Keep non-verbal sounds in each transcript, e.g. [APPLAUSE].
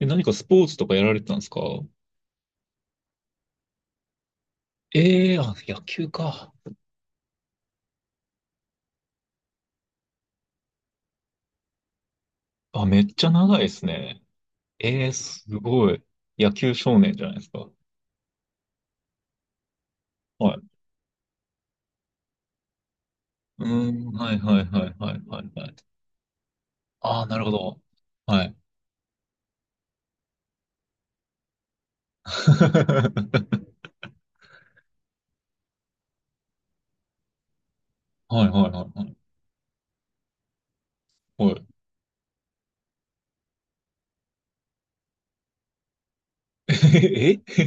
え、何かスポーツとかやられてたんですか？ええー、あ、野球か。あ、めっちゃ長いですね。ええー、すごい。野球少年じゃないですか。はい。うーん、はいはいはいはいはいはい。ああ、なるほど。はい。[LAUGHS] はいはいはいはい。はい。え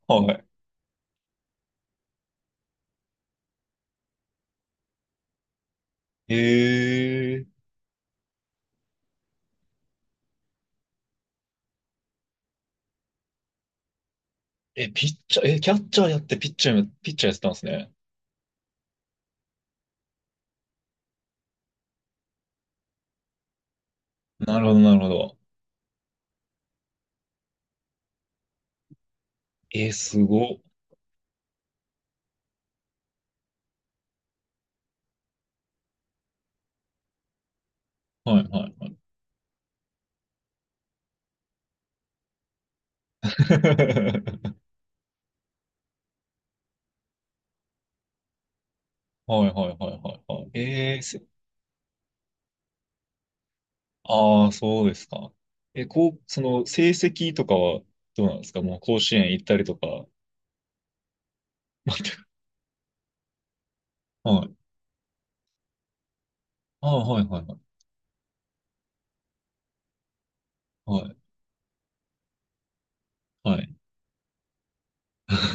はい。え、ピッチャー、え、キャッチャーやってピッチャーやってたんですね。なるほどなるほど。すごっ。はいはいはい。[LAUGHS] はいはいはいはいはい。ああ、そうですか。え、こう、その成績とかはどうなんですか？もう甲子園行ったりとか？[LAUGHS] 全く。はい。ああ、はい、はい、はい。はい。はい。[LAUGHS]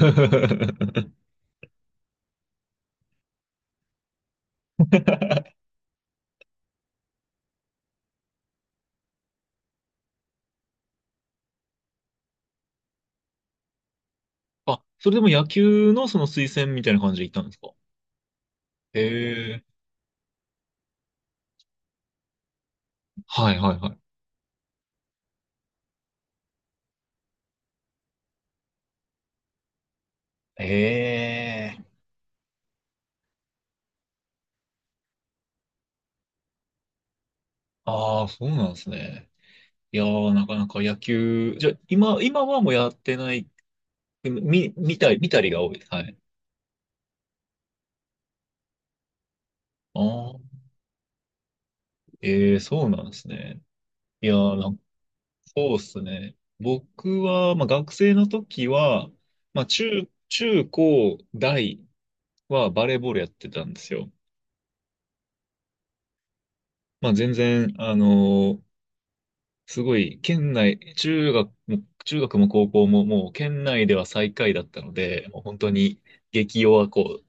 あ、それでも野球のその推薦みたいな感じで行ったんですか？へえ。はい、はい、はい。へえ。ああ、そうなんですね。いやー、なかなか野球、じゃあ、今はもうやってない、見たり、見たりが多い。はい。ああ、ええ、そうなんですね。いやー、なんかそうですね。僕は、まあ、学生の時は、まあ、中高大はバレーボールやってたんですよ。まあ、全然、ーすごい、県内、中学も高校ももう県内では最下位だったので、もう本当に激弱こ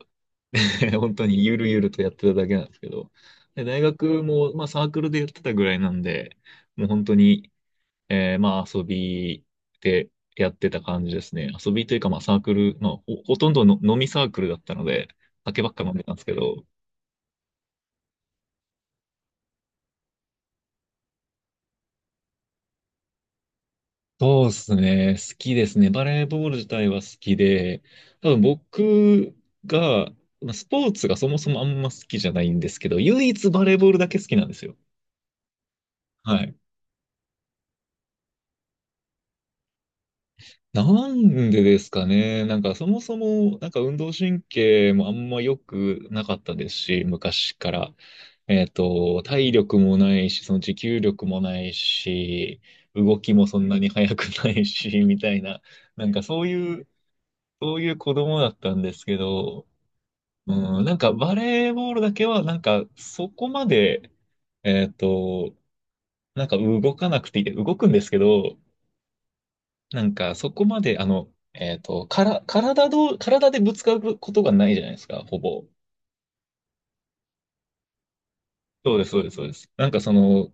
う、[LAUGHS] 本当にゆるゆるとやってただけなんですけど、で、大学も、まあ、サークルでやってたぐらいなんで、もう本当に、まあ遊びでやってた感じですね。遊びというかまあサークル、まあほとんどの飲みサークルだったので、酒ばっか飲んでたんですけど、そうですね。好きですね。バレーボール自体は好きで、多分僕が、まあスポーツがそもそもあんま好きじゃないんですけど、唯一バレーボールだけ好きなんですよ。はい。なんでですかね。なんかそもそも、なんか運動神経もあんま良くなかったですし、昔から。体力もないし、その持久力もないし、動きもそんなに速くないし、[LAUGHS] みたいな。なんかそういう子供だったんですけど、うん、なんかバレーボールだけは、なんかそこまで、えっと、なんか動かなくていい、動くんですけど、なんか、そこまで、あの、えっと、から、体どう、体でぶつかることがないじゃないですか、ほぼ。そうです、そうです、そうです。なんかその、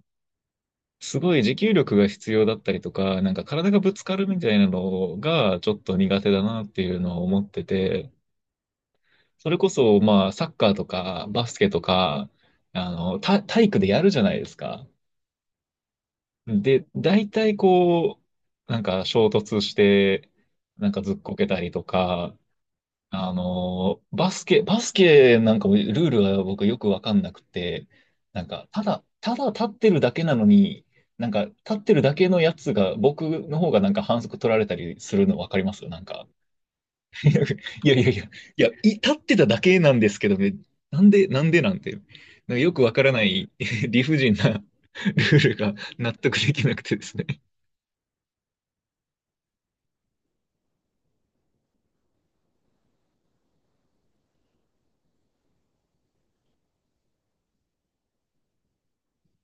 すごい持久力が必要だったりとか、なんか体がぶつかるみたいなのがちょっと苦手だなっていうのを思ってて、それこそ、まあ、サッカーとか、バスケとか、体育でやるじゃないですか。で、大体こう、なんか衝突して、なんかずっこけたりとか、バスケなんかもルールは僕よくわかんなくて、なんか、ただ、ただ立ってるだけなのに、なんか、立ってるだけのやつが、僕の方がなんか反則取られたりするのわかりますなんか、いやいやいや、いや、立ってただけなんですけどね、なんでなんて、なんかよくわからない [LAUGHS] 理不尽な [LAUGHS] ルールが納得できなくてですね。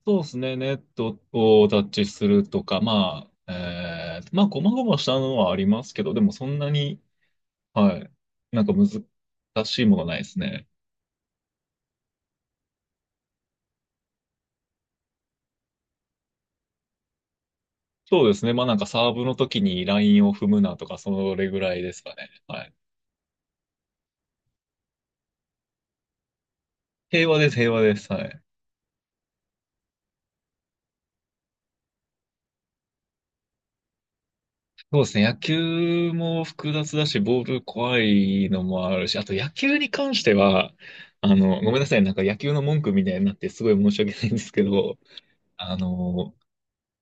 そうですね。ネットをタッチするとか、まあ、まあ、ごまごましたのはありますけど、でもそんなに、はい、なんか難しいものないですね。そうですね。まあ、なんかサーブの時にラインを踏むなとか、それぐらいですかね。はい。平和です、平和です。はい。そうですね。野球も複雑だし、ボール怖いのもあるし、あと野球に関しては、ごめんなさい。なんか野球の文句みたいになってすごい申し訳ないんですけど、あの、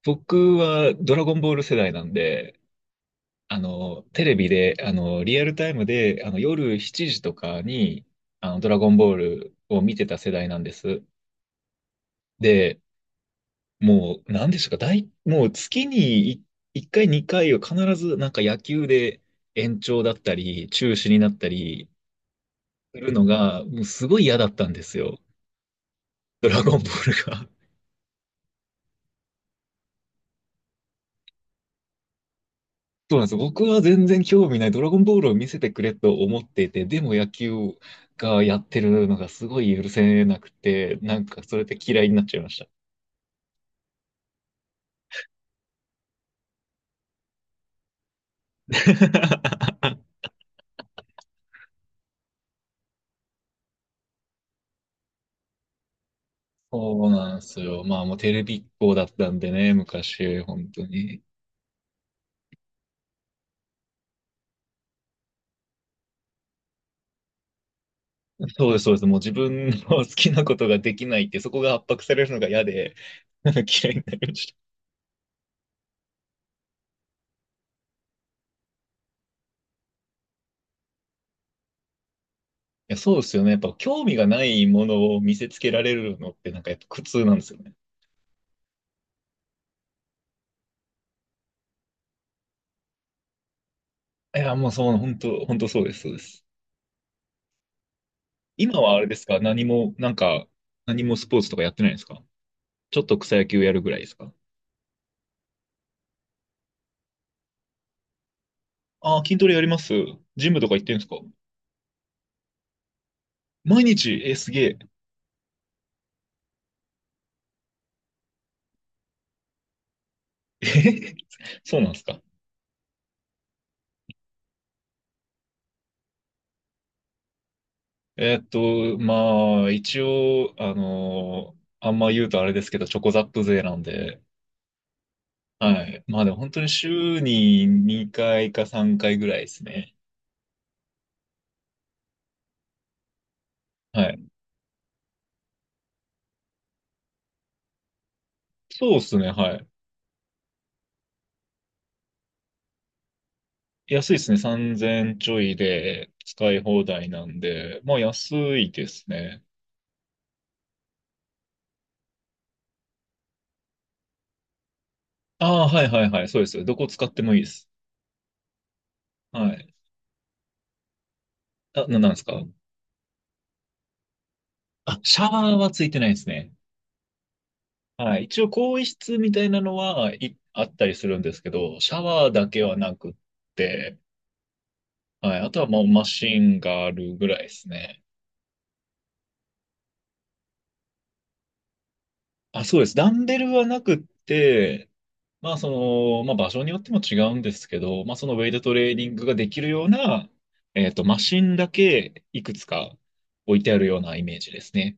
僕はドラゴンボール世代なんで、テレビで、リアルタイムで、夜7時とかに、ドラゴンボールを見てた世代なんです。で、もう、なんでしょうか、もう月に1回、2回は必ず、なんか野球で延長だったり、中止になったりするのが、もうすごい嫌だったんですよ。ドラゴンボールが。そうなんですよ。僕は全然興味ない。ドラゴンボールを見せてくれと思っていて、でも野球がやってるのがすごい許せなくて、なんかそれで嫌いになっちゃいました。[LAUGHS] そうなんですよ。まあもうテレビっ子だったんでね、昔、本当に。そうです、そうです。もう自分の好きなことができないって、そこが圧迫されるのが嫌で、[LAUGHS] なんか嫌いになりました。いや、そうですよね。やっぱ興味がないものを見せつけられるのって、なんかやっぱ苦痛なんですよね。いや、もうそう、本当、本当そうです、そうです。今はあれですか？何も、なんか、何もスポーツとかやってないですか？ちょっと草野球やるぐらいですか？ああー、筋トレやります。ジムとか行ってるんですか？毎日すげえ。えー [LAUGHS] そうなんですか？まあ、一応、あんま言うとあれですけど、チョコザップ勢なんで、はい。まあでも本当に週に2回か3回ぐらいですね。はい。そうですね、はい。安いですね。3,000ちょいで使い放題なんで、まあ安いですね。ああ、はいはいはい、そうです。どこ使ってもいいです。はい。あ、なんですか？あ、シャワーはついてないですね。はい。一応、更衣室みたいなのは、あったりするんですけど、シャワーだけはなくって、はい。あとはもうマシンがあるぐらいですね。あ、そうです。ダンベルはなくって、まあ、その、まあ、場所によっても違うんですけど、まあ、そのウェイトトレーニングができるような、マシンだけいくつか置いてあるようなイメージですね。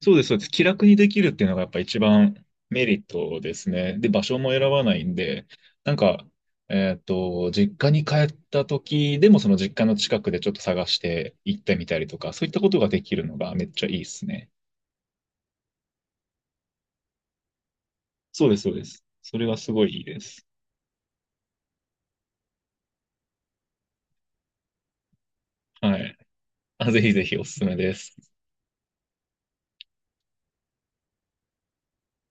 そうです、そうです。気楽にできるっていうのがやっぱ一番メリットですね。で、場所も選ばないんで、なんか、実家に帰った時でもその実家の近くでちょっと探して行ってみたりとか、そういったことができるのがめっちゃいいですね。そうです、そうです。それはすごいいいです。はい。あ、ぜひぜひおすすめです。